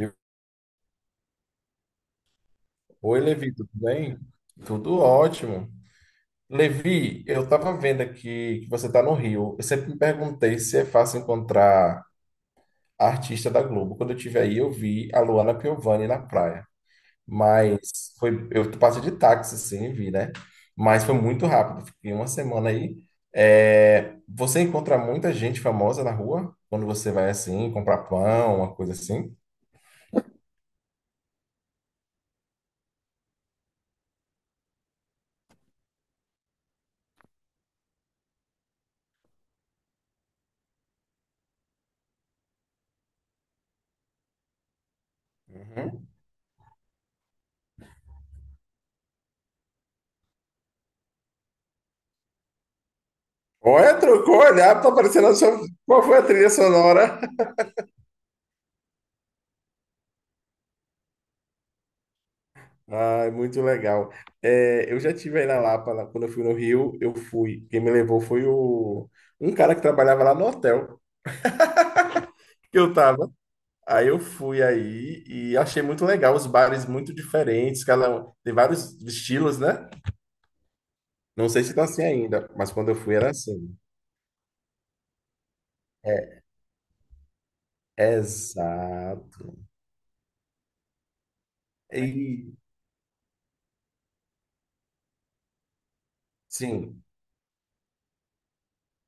Viu? Oi, Levi, tudo bem? Tudo ótimo. Levi, eu estava vendo aqui que você está no Rio. Eu sempre me perguntei se é fácil encontrar artista da Globo. Quando eu estive aí, eu vi a Luana Piovani na praia. Mas eu passei de táxi, sim, e vi, né? Mas foi muito rápido, fiquei uma semana aí. É, você encontra muita gente famosa na rua quando você vai assim comprar pão, uma coisa assim? Uhum. Olha, trocou o olhar, tá parecendo a sua... Qual foi a trilha sonora? Ah, é muito legal. É, eu já tive aí na Lapa, quando eu fui no Rio, eu fui. Quem me levou foi o, Um cara que trabalhava lá no hotel que eu tava. Aí eu fui aí e achei muito legal, os bares muito diferentes, tem vários estilos, né? Não sei se tá assim ainda, mas quando eu fui era assim. É, exato. E, sim.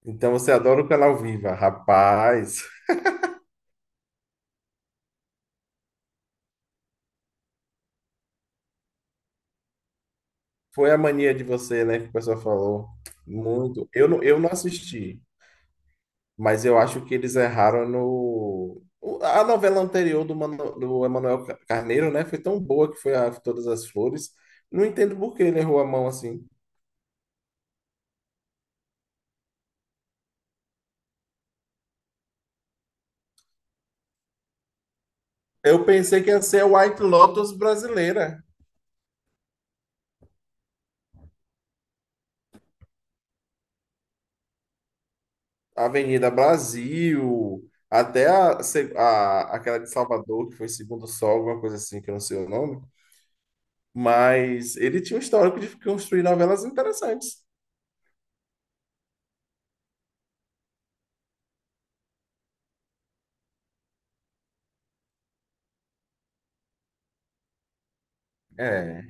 Então você adora o canal ao Vivo, rapaz. Foi a Mania de Você, né, que o pessoal falou. Muito. Eu não assisti, mas eu acho que eles erraram no. A novela anterior do, mano, do Carneiro, né, foi tão boa, que foi a Todas as Flores. Não entendo por que ele errou a mão assim. Eu pensei que ia ser a White Lotus brasileira. Avenida Brasil, até a, se- a- aquela de Salvador, que foi Segundo Sol, alguma coisa assim, que eu não sei o nome. Mas ele tinha um histórico de construir novelas interessantes. É,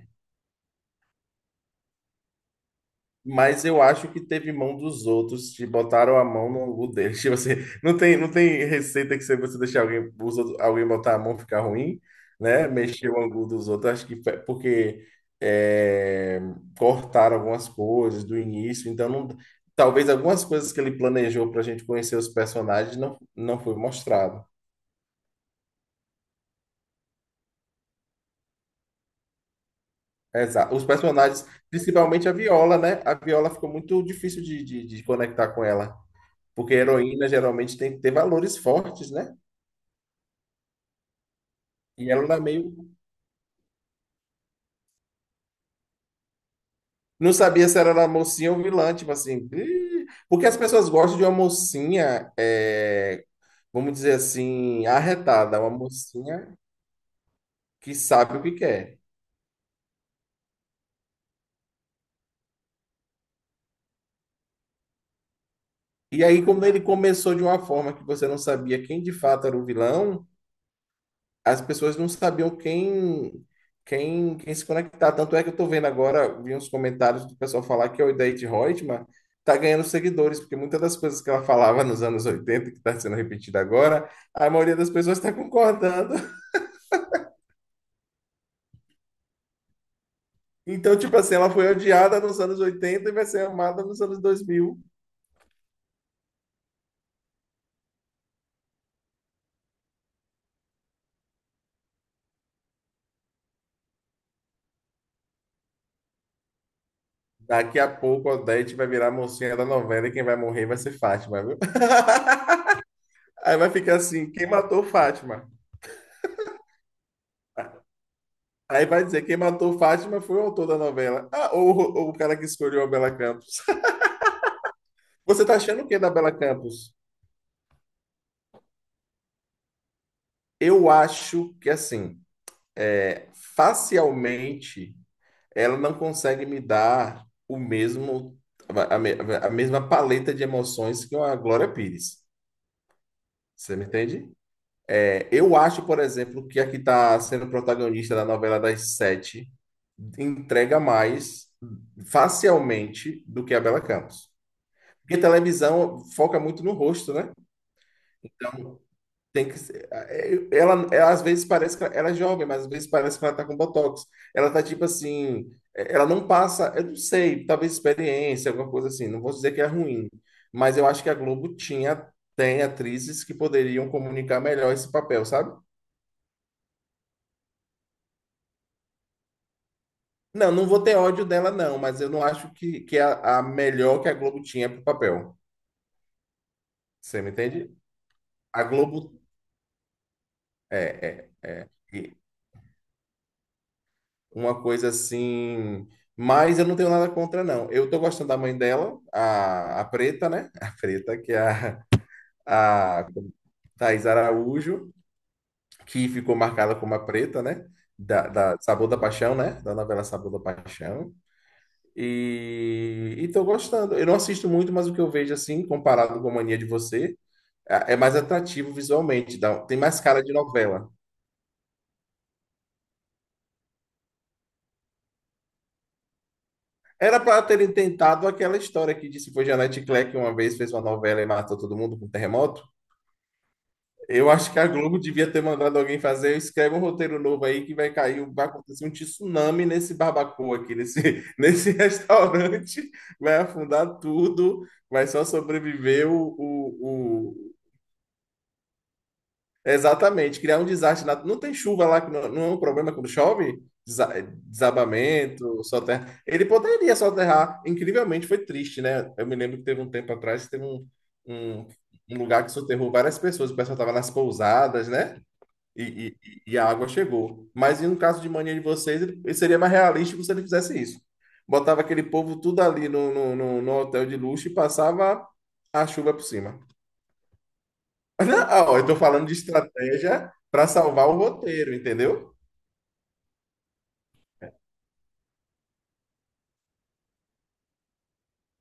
mas eu acho que teve mão dos outros, te botaram a mão no angu deles. Tipo assim, não tem receita que, se você deixar alguém, alguém botar a mão, ficar ruim, né? Mexer o angu dos outros. Porque é, cortaram algumas coisas do início, talvez algumas coisas que ele planejou para a gente conhecer os personagens não foi mostrado. Exato. Os personagens, principalmente a Viola, né? A Viola ficou muito difícil de conectar com ela. Porque heroína geralmente tem que ter valores fortes, né? E ela era meio. Não sabia se ela era mocinha ou vilã, tipo assim. "Ih", porque as pessoas gostam de uma mocinha, é, vamos dizer assim, arretada, uma mocinha que sabe o que quer. E aí, quando ele começou de uma forma que você não sabia quem de fato era o vilão, as pessoas não sabiam quem se conectar. Tanto é que eu estou vendo agora, vi uns comentários do pessoal falar que a Odete Reutemann está ganhando seguidores, porque muitas das coisas que ela falava nos anos 80 que está sendo repetida agora, a maioria das pessoas está concordando. Então, tipo assim, ela foi odiada nos anos 80 e vai ser amada nos anos dois mil. Daqui a pouco a Odete vai virar a mocinha da novela, e quem vai morrer vai ser Fátima, viu? Aí vai ficar assim, quem matou Fátima? Aí vai dizer, quem matou Fátima foi o autor da novela. Ah, ou o cara que escolheu a Bela Campos. Você tá achando o que da Bela Campos? Eu acho que assim, é, facialmente, ela não consegue me dar o mesmo a, me- a mesma paleta de emoções que uma Glória Pires. Você me entende? É, eu acho, por exemplo, que a que está sendo protagonista da novela das sete entrega mais facialmente do que a Bela Campos. Porque televisão foca muito no rosto, né? Então tem que ser. É, ela é, às vezes parece que ela é jovem, mas às vezes parece que ela tá com botox. Ela tá tipo assim, é, ela não passa, eu não sei, talvez experiência, alguma coisa assim. Não vou dizer que é ruim, mas eu acho que a Globo tinha, tem atrizes que poderiam comunicar melhor esse papel, sabe? Não, não vou ter ódio dela, não, mas eu não acho que é a melhor que a Globo tinha pro papel. Você me entende? A Globo. É, é, é. Uma coisa assim. Mas eu não tenho nada contra, não. Eu tô gostando da mãe dela, a Preta, né? A Preta, que é a Thaís Araújo, que ficou marcada como a Preta, né? Da Sabor da Paixão, né? Da novela Sabor da Paixão. E tô gostando. Eu não assisto muito, mas o que eu vejo, assim, comparado com a Mania de Você, é mais atrativo visualmente. Tem mais cara de novela. Era para terem tentado aquela história que disse, foi Janete Claire que uma vez fez uma novela e matou todo mundo com um terremoto. Eu acho que a Globo devia ter mandado alguém fazer, escreve um roteiro novo aí, que vai cair, vai acontecer um tsunami nesse barbacoa aqui, nesse restaurante, vai afundar tudo, vai só sobreviver o- Exatamente, criar um desastre. Não tem chuva lá, que não, não é um problema quando chove? Desabamento, soterra. Ele poderia soterrar. Incrivelmente, foi triste, né? Eu me lembro que teve um tempo atrás, um, um lugar que soterrou várias pessoas. O pessoal estava nas pousadas, né? E, e a água chegou. Mas no caso de Mania de Vocês, ele seria mais realístico se ele fizesse isso. Botava aquele povo tudo ali no hotel de luxo e passava a chuva por cima. Não, eu estou falando de estratégia para salvar o roteiro, entendeu?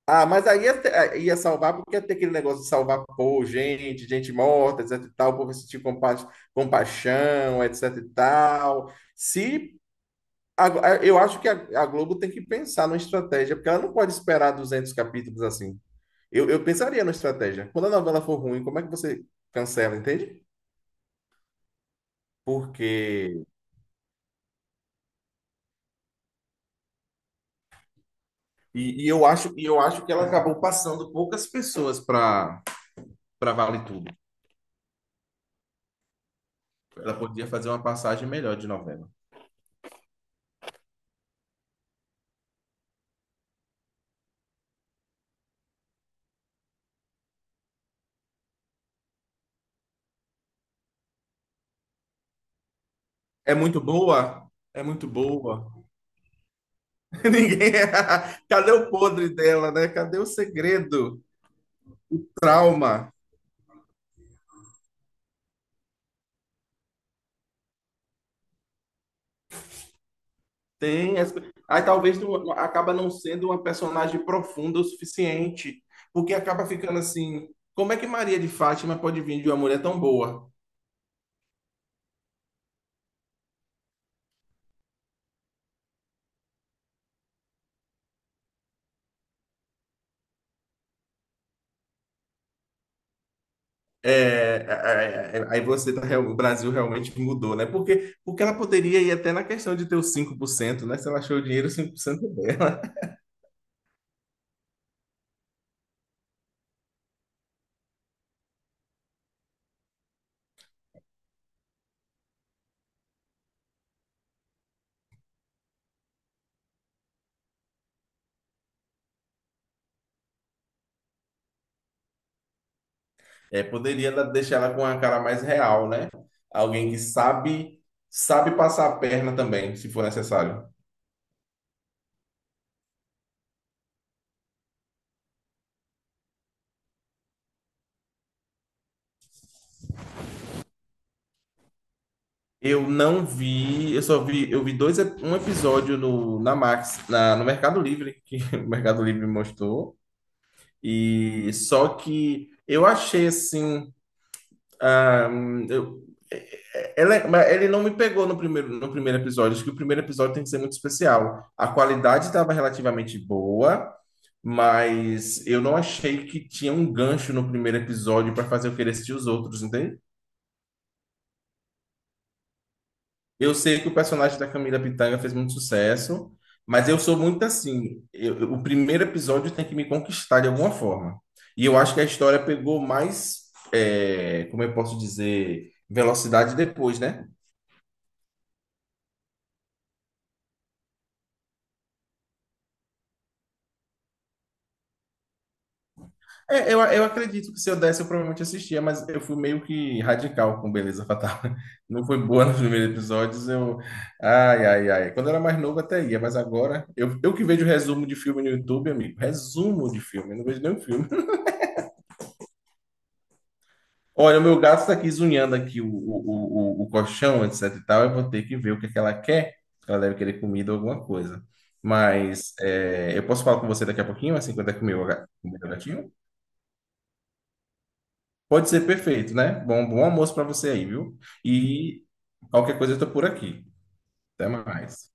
Aí ia salvar porque ia ter aquele negócio de salvar, pô, gente, gente morta, etc e tal, o povo sentir compaixão, etc e tal. Se, a- Eu acho que a Globo tem que pensar numa estratégia, porque ela não pode esperar 200 capítulos assim. Eu pensaria numa estratégia. Quando a novela for ruim, como é que você cancela, entende? Porque... e eu acho que ela acabou passando poucas pessoas para Vale Tudo. Ela podia fazer uma passagem melhor de novela. É muito boa? É muito boa. Ninguém. Cadê o podre dela, né? Cadê o segredo? Trauma. Tem. as- Aí talvez não- acaba não sendo uma personagem profunda o suficiente, porque acaba ficando assim. Como é que Maria de Fátima pode vir de uma mulher tão boa? É, aí você tá, o Brasil realmente mudou, né? Porque ela poderia ir até na questão de ter os 5%, né? Se ela achou o dinheiro, 5% é... É, deixar ela com uma cara mais real, né? Alguém que sabe passar a perna também, se for necessário. Eu não vi, eu vi um episódio na Max, no Mercado Livre, que o Mercado Livre mostrou, e só que eu achei assim. Ah, eu- mas ele não me pegou no primeiro episódio. Acho que o primeiro episódio tem que ser muito especial. A qualidade estava relativamente boa, mas eu não achei que tinha um gancho no primeiro episódio para fazer eu querer assistir os outros, entende? Eu sei que o personagem da Camila Pitanga fez muito sucesso, mas eu sou muito assim. O primeiro episódio tem que me conquistar de alguma forma. E eu acho que a história pegou mais, é, como eu posso dizer, velocidade depois, né? É, eu acredito que, se eu desse, eu provavelmente assistia, mas eu fui meio que radical com Beleza Fatal. Não foi boa nos primeiros episódios, eu... Ai, ai, ai. Quando eu era mais novo até ia, mas agora... eu que vejo resumo de filme no YouTube, amigo. Resumo de filme, eu não vejo nenhum filme. Olha, o meu gato está aqui zunhando aqui o colchão, etc e tal. Eu vou ter que ver é que ela quer. Ela deve querer comida ou alguma coisa. Mas é, eu posso falar com você daqui a pouquinho, assim, quando é comer o comer o gatinho? Pode ser perfeito, né? Bom, bom almoço para você aí, viu? E qualquer coisa eu tô por aqui. Até mais.